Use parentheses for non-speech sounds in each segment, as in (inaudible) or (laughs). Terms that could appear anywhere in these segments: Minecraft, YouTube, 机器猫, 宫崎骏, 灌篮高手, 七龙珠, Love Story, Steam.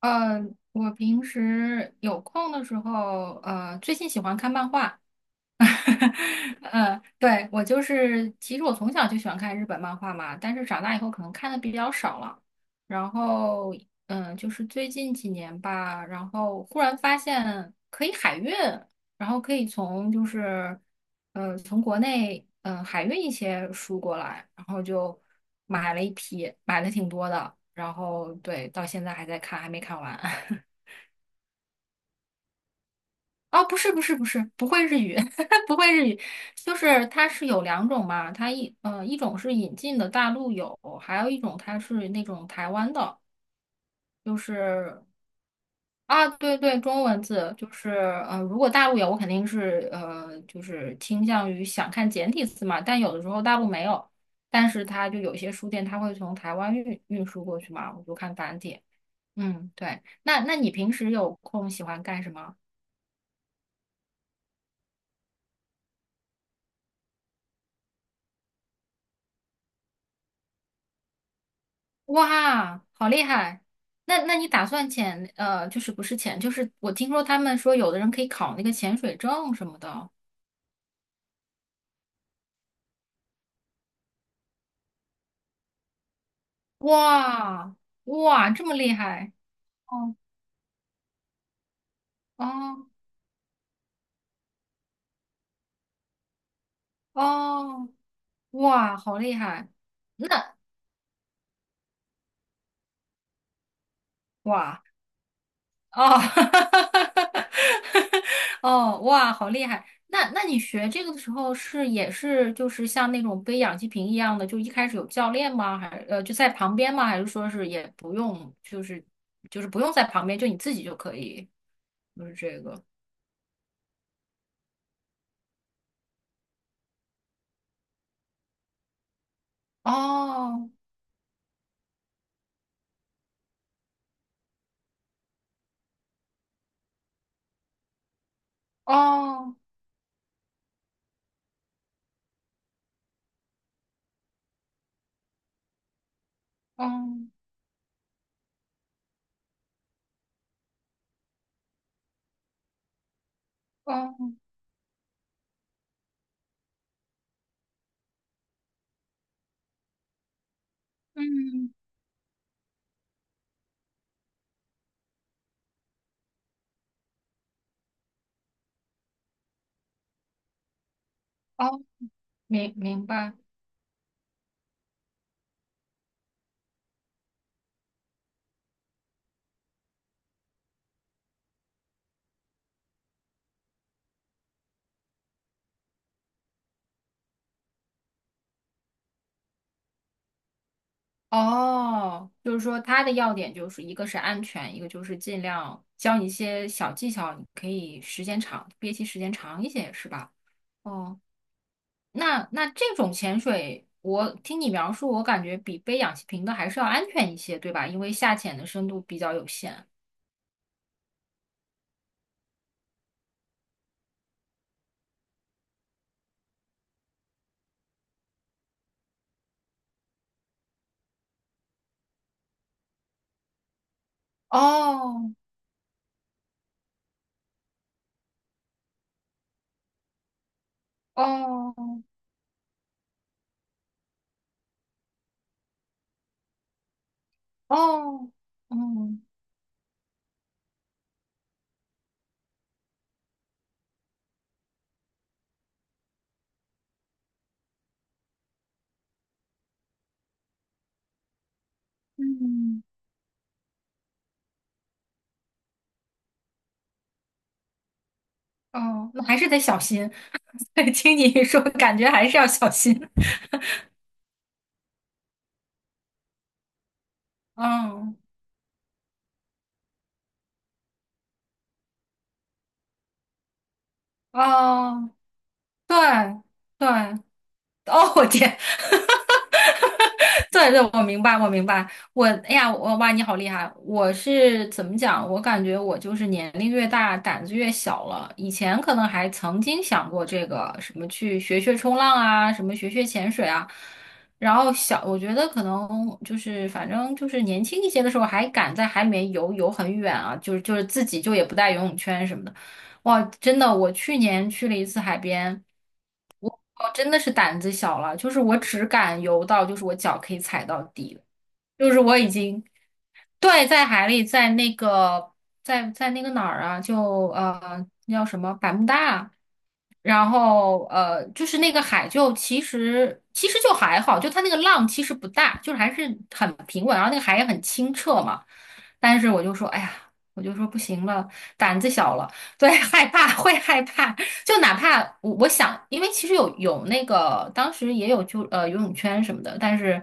呃，我平时有空的时候，最近喜欢看漫画，(laughs) 嗯，对，我就是，其实我从小就喜欢看日本漫画嘛，但是长大以后可能看的比较少了。然后，就是最近几年吧，然后忽然发现可以海运，然后可以从就是，从国内海运一些书过来，然后就买了一批，买了挺多的，然后对，到现在还在看，还没看完。(laughs) 哦，不是不是不是，不会日语，(laughs) 不会日语，就是它是有两种嘛，它一种是引进的大陆有，还有一种它是那种台湾的，就是啊对对，中文字就是如果大陆有，我肯定是就是倾向于想看简体字嘛，但有的时候大陆没有，但是它就有些书店它会从台湾运输过去嘛，我就看繁体，嗯对，那你平时有空喜欢干什么？哇，好厉害！那你打算潜就是不是潜，就是我听说他们说有的人可以考那个潜水证什么的。哇哇，这么厉害！哦哦哦，哇，好厉害！那哇。哦，(laughs) 哦，哇，好厉害！那你学这个的时候是也是就是像那种背氧气瓶一样的，就一开始有教练吗？还就在旁边吗？还是说是也不用，就是不用在旁边，就你自己就可以？就是这个。哦哦哦哦，嗯哦，明白。哦，就是说它的要点就是一个是安全，一个就是尽量教你一些小技巧，你可以时间长，憋气时间长一些，是吧？哦，那这种潜水，我听你描述，我感觉比背氧气瓶的还是要安全一些，对吧？因为下潜的深度比较有限。哦哦哦，嗯嗯哦，那还是得小心。(laughs) 对，听你说，感觉还是要小心。嗯哦。对对，哦，我天，(laughs) 对对，我明白，我明白，我，哎呀，我哇，你好厉害！我是怎么讲？我感觉我就是年龄越大，胆子越小了。以前可能还曾经想过这个什么去学学冲浪啊，什么学学潜水啊。然后我觉得可能就是反正就是年轻一些的时候，还敢在海里面游游很远啊，就是自己就也不带游泳圈什么的。哇，真的，我去年去了一次海边。我真的是胆子小了，就是我只敢游到，就是我脚可以踩到底了，就是我已经，对，在海里，在那个，在那个哪儿啊，就那叫什么百慕大，然后就是那个海就其实就还好，就它那个浪其实不大，就是还是很平稳，然后那个海也很清澈嘛，但是我就说，哎呀，我就说不行了，胆子小了。对，害怕 (laughs) 会害怕，就哪怕我想，因为其实有那个当时也有就游泳圈什么的，但是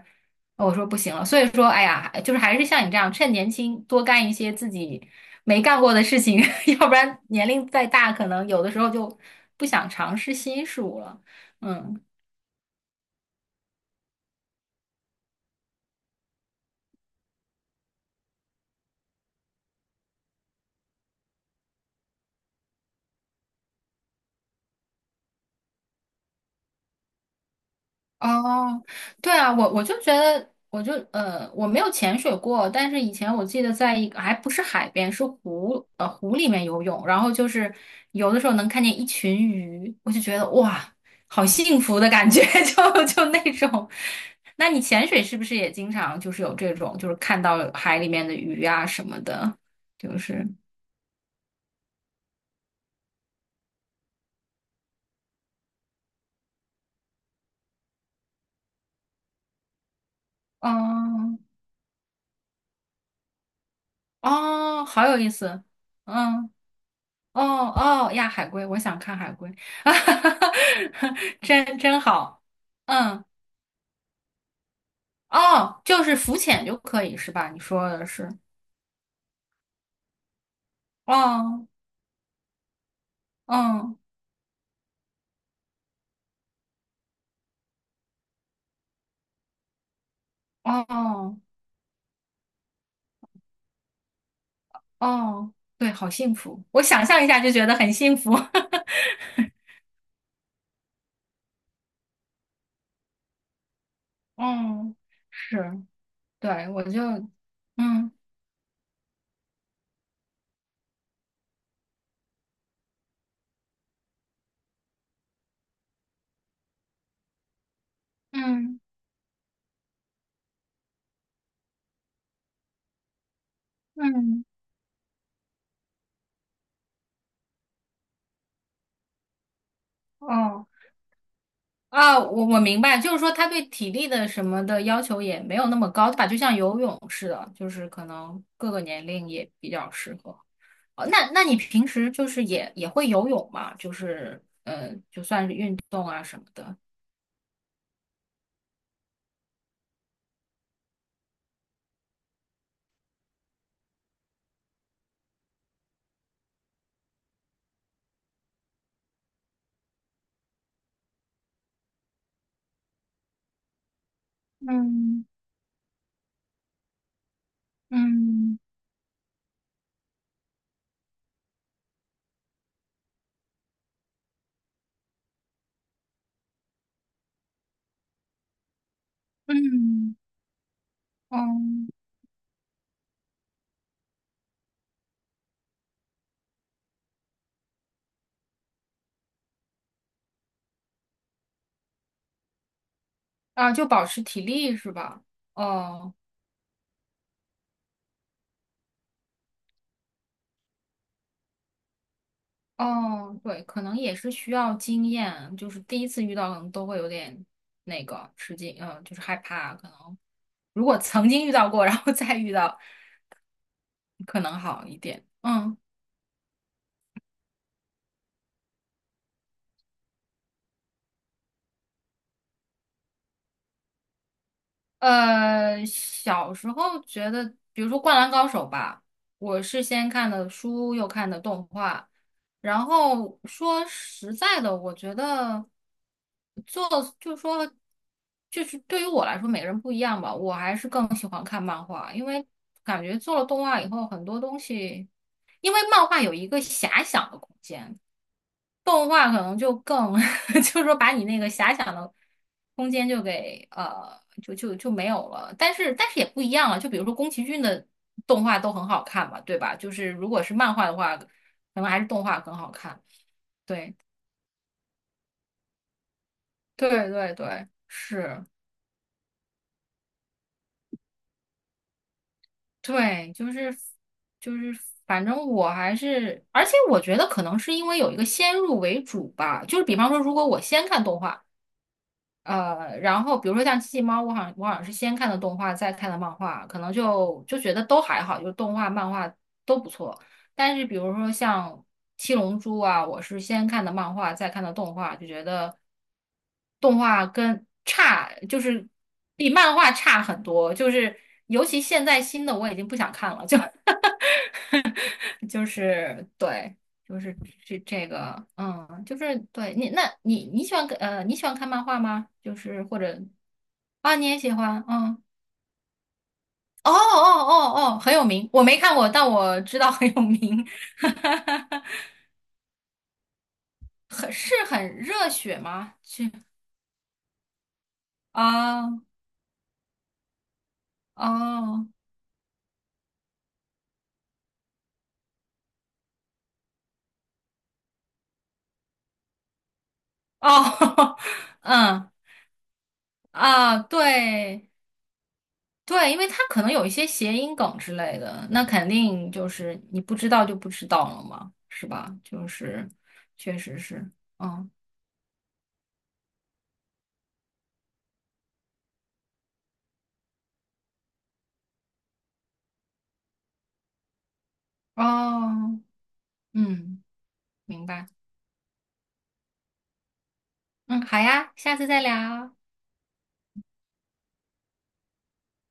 我说不行了，所以说哎呀，就是还是像你这样，趁年轻多干一些自己没干过的事情，(laughs) 要不然年龄再大，可能有的时候就不想尝试新事物了。嗯。哦，对啊，我就觉得，我就我没有潜水过，但是以前我记得在一个还不是海边，是湖里面游泳，然后就是游的时候能看见一群鱼，我就觉得哇，好幸福的感觉，(laughs) 就那种。那你潜水是不是也经常就是有这种，就是看到海里面的鱼啊什么的，就是嗯哦，好有意思，嗯。哦哦呀，海龟，我想看海龟，(laughs) 真真好。嗯，哦，就是浮潜就可以是吧？你说的是，哦，嗯，哦哦，对，好幸福，我想象一下就觉得很幸福。(laughs) 嗯，是，对，我就，嗯嗯嗯，哦。啊，我明白，就是说他对体力的什么的要求也没有那么高，对吧？就像游泳似的，就是可能各个年龄也比较适合。哦，那你平时就是也会游泳嘛？就是就算是运动啊什么的。嗯嗯嗯嗯，啊，就保持体力是吧？哦。哦，对，可能也是需要经验，就是第一次遇到可能都会有点那个吃惊，就是害怕。可能如果曾经遇到过，(laughs) 然后再遇到，可能好一点。嗯。小时候觉得，比如说《灌篮高手》吧，我是先看的书，又看的动画。然后说实在的，我觉得做就是说，就是对于我来说，每个人不一样吧。我还是更喜欢看漫画，因为感觉做了动画以后，很多东西，因为漫画有一个遐想的空间。动画可能就更，(laughs) 就是说把你那个遐想的空间就给就没有了。但是也不一样了，就比如说宫崎骏的动画都很好看嘛，对吧？就是如果是漫画的话，可能还是动画更好看。对对对对，是，对，就是，反正我还是，而且我觉得可能是因为有一个先入为主吧，就是比方说，如果我先看动画。然后比如说像《机器猫》，我好像是先看的动画，再看的漫画，可能就觉得都还好，就是动画、漫画都不错。但是比如说像《七龙珠》啊，我是先看的漫画，再看的动画，就觉得动画跟差，就是比漫画差很多。就是尤其现在新的，我已经不想看了，就 (laughs) (laughs) 就是对，就是这个，嗯，就是对你，那你喜欢看你喜欢看漫画吗？就是或者啊，你也喜欢，嗯，哦哦哦哦，很有名，我没看过，但我知道很有名，(laughs) 很是很热血吗？去啊哦哦，(laughs) 哦嗯啊，对对，因为它可能有一些谐音梗之类的，那肯定就是你不知道就不知道了嘛，是吧？就是，确实是，嗯，哦，嗯，明白，嗯，好呀，下次再聊。